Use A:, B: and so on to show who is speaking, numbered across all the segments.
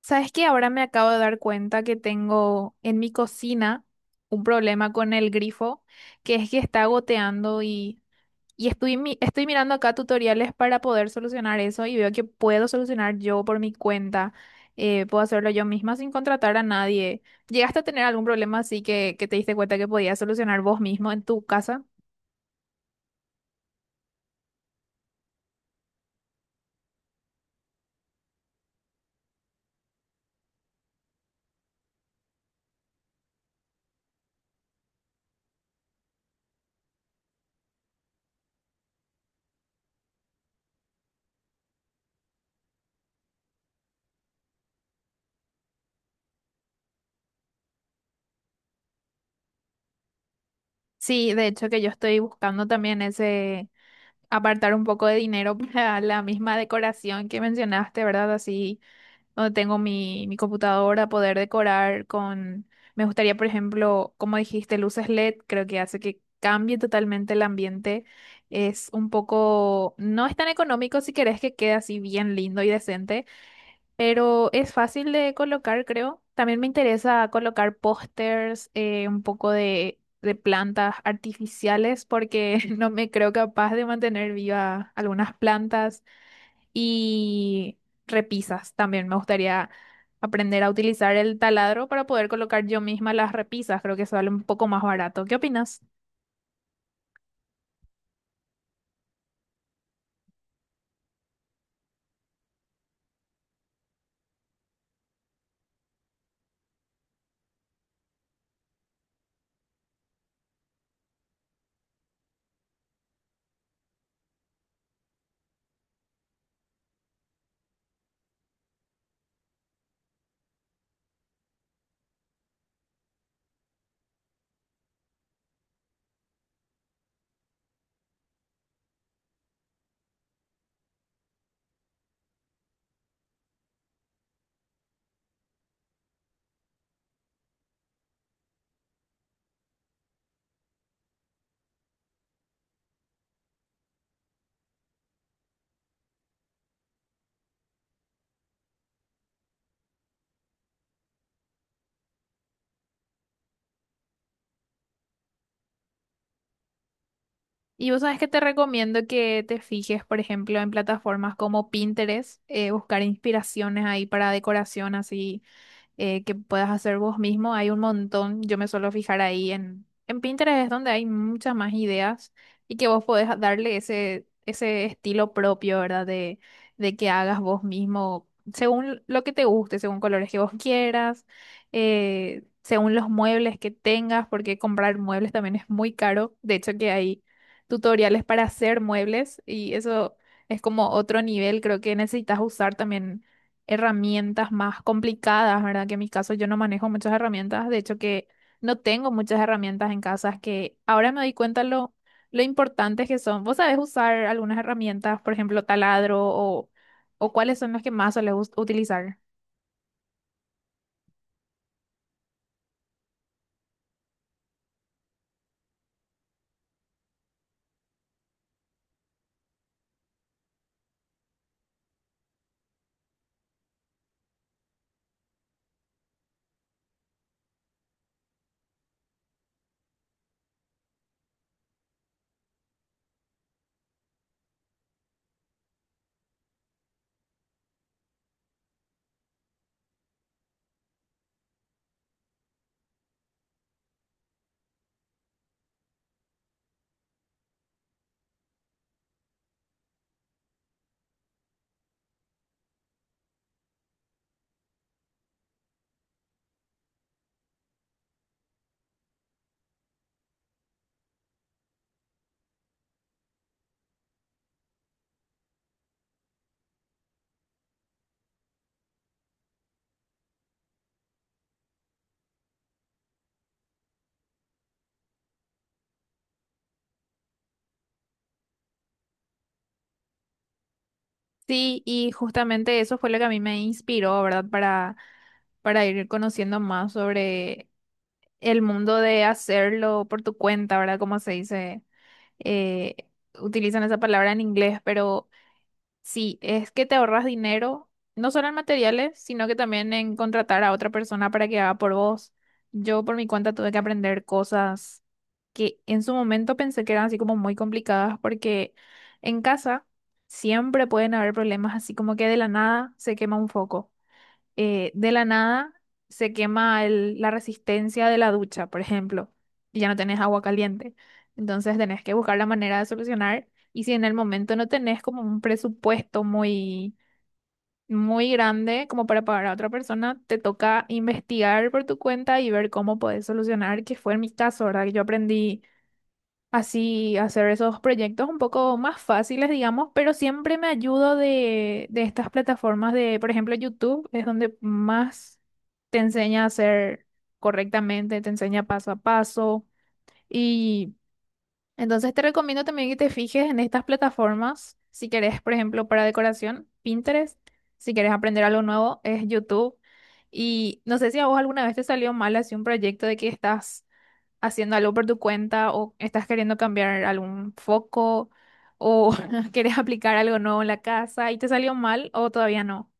A: ¿Sabes qué? Ahora me acabo de dar cuenta que tengo en mi cocina un problema con el grifo, que es que está goteando y estoy, estoy mirando acá tutoriales para poder solucionar eso y veo que puedo solucionar yo por mi cuenta, puedo hacerlo yo misma sin contratar a nadie. ¿Llegaste a tener algún problema así que te diste cuenta que podías solucionar vos mismo en tu casa? Sí, de hecho que yo estoy buscando también ese... apartar un poco de dinero para la misma decoración que mencionaste, ¿verdad? Así donde tengo mi computadora, poder decorar con... Me gustaría, por ejemplo, como dijiste, luces LED, creo que hace que cambie totalmente el ambiente. Es un poco... No es tan económico si querés que quede así bien lindo y decente, pero es fácil de colocar, creo. También me interesa colocar pósters, un poco de plantas artificiales, porque no me creo capaz de mantener viva algunas plantas y repisas también. Me gustaría aprender a utilizar el taladro para poder colocar yo misma las repisas. Creo que sale un poco más barato. ¿Qué opinas? Y vos sabes que te recomiendo que te fijes, por ejemplo, en plataformas como Pinterest, buscar inspiraciones ahí para decoración así, que puedas hacer vos mismo. Hay un montón, yo me suelo fijar ahí en Pinterest, es donde hay muchas más ideas y que vos podés darle ese, ese estilo propio, ¿verdad? De que hagas vos mismo, según lo que te guste, según colores que vos quieras, según los muebles que tengas, porque comprar muebles también es muy caro. De hecho, que hay tutoriales para hacer muebles y eso es como otro nivel, creo que necesitas usar también herramientas más complicadas, ¿verdad? Que en mi caso yo no manejo muchas herramientas, de hecho que no tengo muchas herramientas en casa, es que ahora me doy cuenta lo importantes que son. ¿Vos sabés usar algunas herramientas, por ejemplo, taladro o cuáles son las que más sueles utilizar? Sí, y justamente eso fue lo que a mí me inspiró, ¿verdad? Para ir conociendo más sobre el mundo de hacerlo por tu cuenta, ¿verdad? Como se dice, eh, utilizan esa palabra en inglés, pero... Sí, es que te ahorras dinero, no solo en materiales, sino que también en contratar a otra persona para que haga por vos. Yo por mi cuenta tuve que aprender cosas que en su momento pensé que eran así como muy complicadas, porque en casa siempre pueden haber problemas así como que de la nada se quema un foco, de la nada se quema la resistencia de la ducha, por ejemplo, y ya no tenés agua caliente. Entonces tenés que buscar la manera de solucionar. Y si en el momento no tenés como un presupuesto muy, muy grande como para pagar a otra persona, te toca investigar por tu cuenta y ver cómo podés solucionar, que fue en mi caso, ¿verdad? Que yo aprendí así hacer esos proyectos un poco más fáciles, digamos, pero siempre me ayudo de estas plataformas de, por ejemplo, YouTube es donde más te enseña a hacer correctamente, te enseña paso a paso y entonces te recomiendo también que te fijes en estas plataformas, si querés, por ejemplo, para decoración, Pinterest, si querés aprender algo nuevo, es YouTube. Y no sé si a vos alguna vez te salió mal así un proyecto de que estás haciendo algo por tu cuenta o estás queriendo cambiar algún foco o quieres aplicar algo nuevo en la casa y te salió mal o todavía no.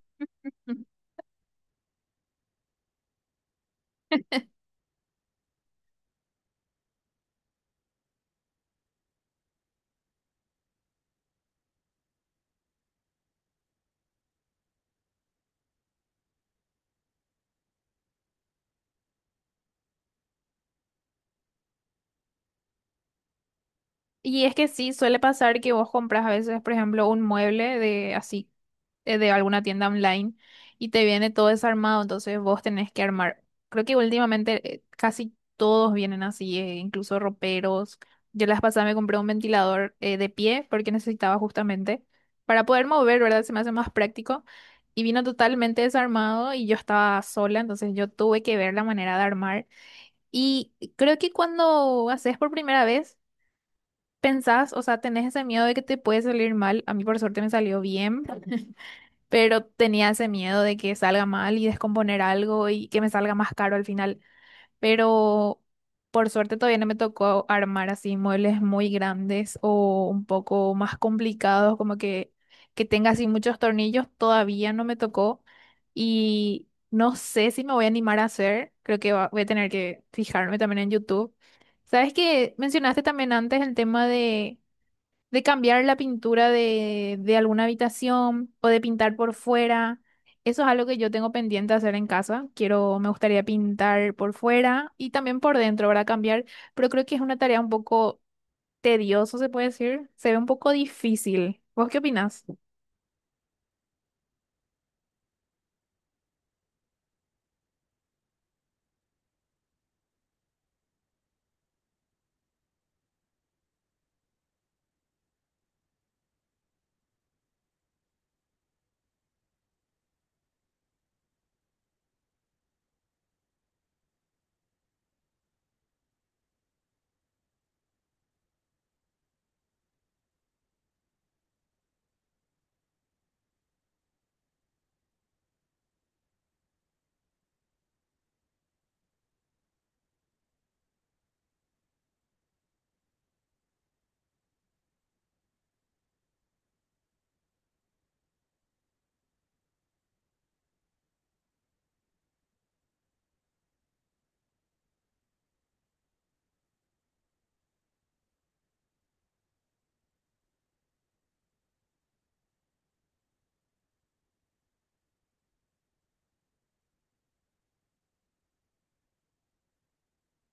A: Y es que sí, suele pasar que vos compras a veces, por ejemplo, un mueble de así, de alguna tienda online y te viene todo desarmado, entonces vos tenés que armar. Creo que últimamente, casi todos vienen así, incluso roperos. Yo las pasadas me compré un ventilador, de pie porque necesitaba justamente para poder mover, ¿verdad? Se me hace más práctico. Y vino totalmente desarmado y yo estaba sola, entonces yo tuve que ver la manera de armar. Y creo que cuando haces por primera vez pensás, o sea, tenés ese miedo de que te puede salir mal. A mí por suerte me salió bien, pero tenía ese miedo de que salga mal y descomponer algo y que me salga más caro al final. Pero por suerte todavía no me tocó armar así muebles muy grandes o un poco más complicados, como que tenga así muchos tornillos. Todavía no me tocó y no sé si me voy a animar a hacer. Creo que voy a tener que fijarme también en YouTube. ¿Sabes que mencionaste también antes el tema de cambiar la pintura de alguna habitación o de pintar por fuera? Eso es algo que yo tengo pendiente hacer en casa. Quiero, me gustaría pintar por fuera y también por dentro, ¿verdad? Cambiar, pero creo que es una tarea un poco tediosa, se puede decir. Se ve un poco difícil. ¿Vos qué opinás?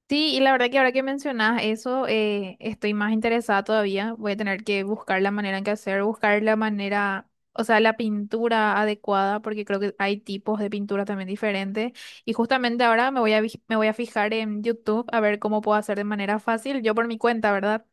A: Sí, y la verdad que ahora que mencionas eso, estoy más interesada todavía. Voy a tener que buscar la manera en que hacer, buscar la manera, o sea, la pintura adecuada, porque creo que hay tipos de pintura también diferentes. Y justamente ahora me voy a, me voy a fijar en YouTube a ver cómo puedo hacer de manera fácil, yo por mi cuenta, ¿verdad?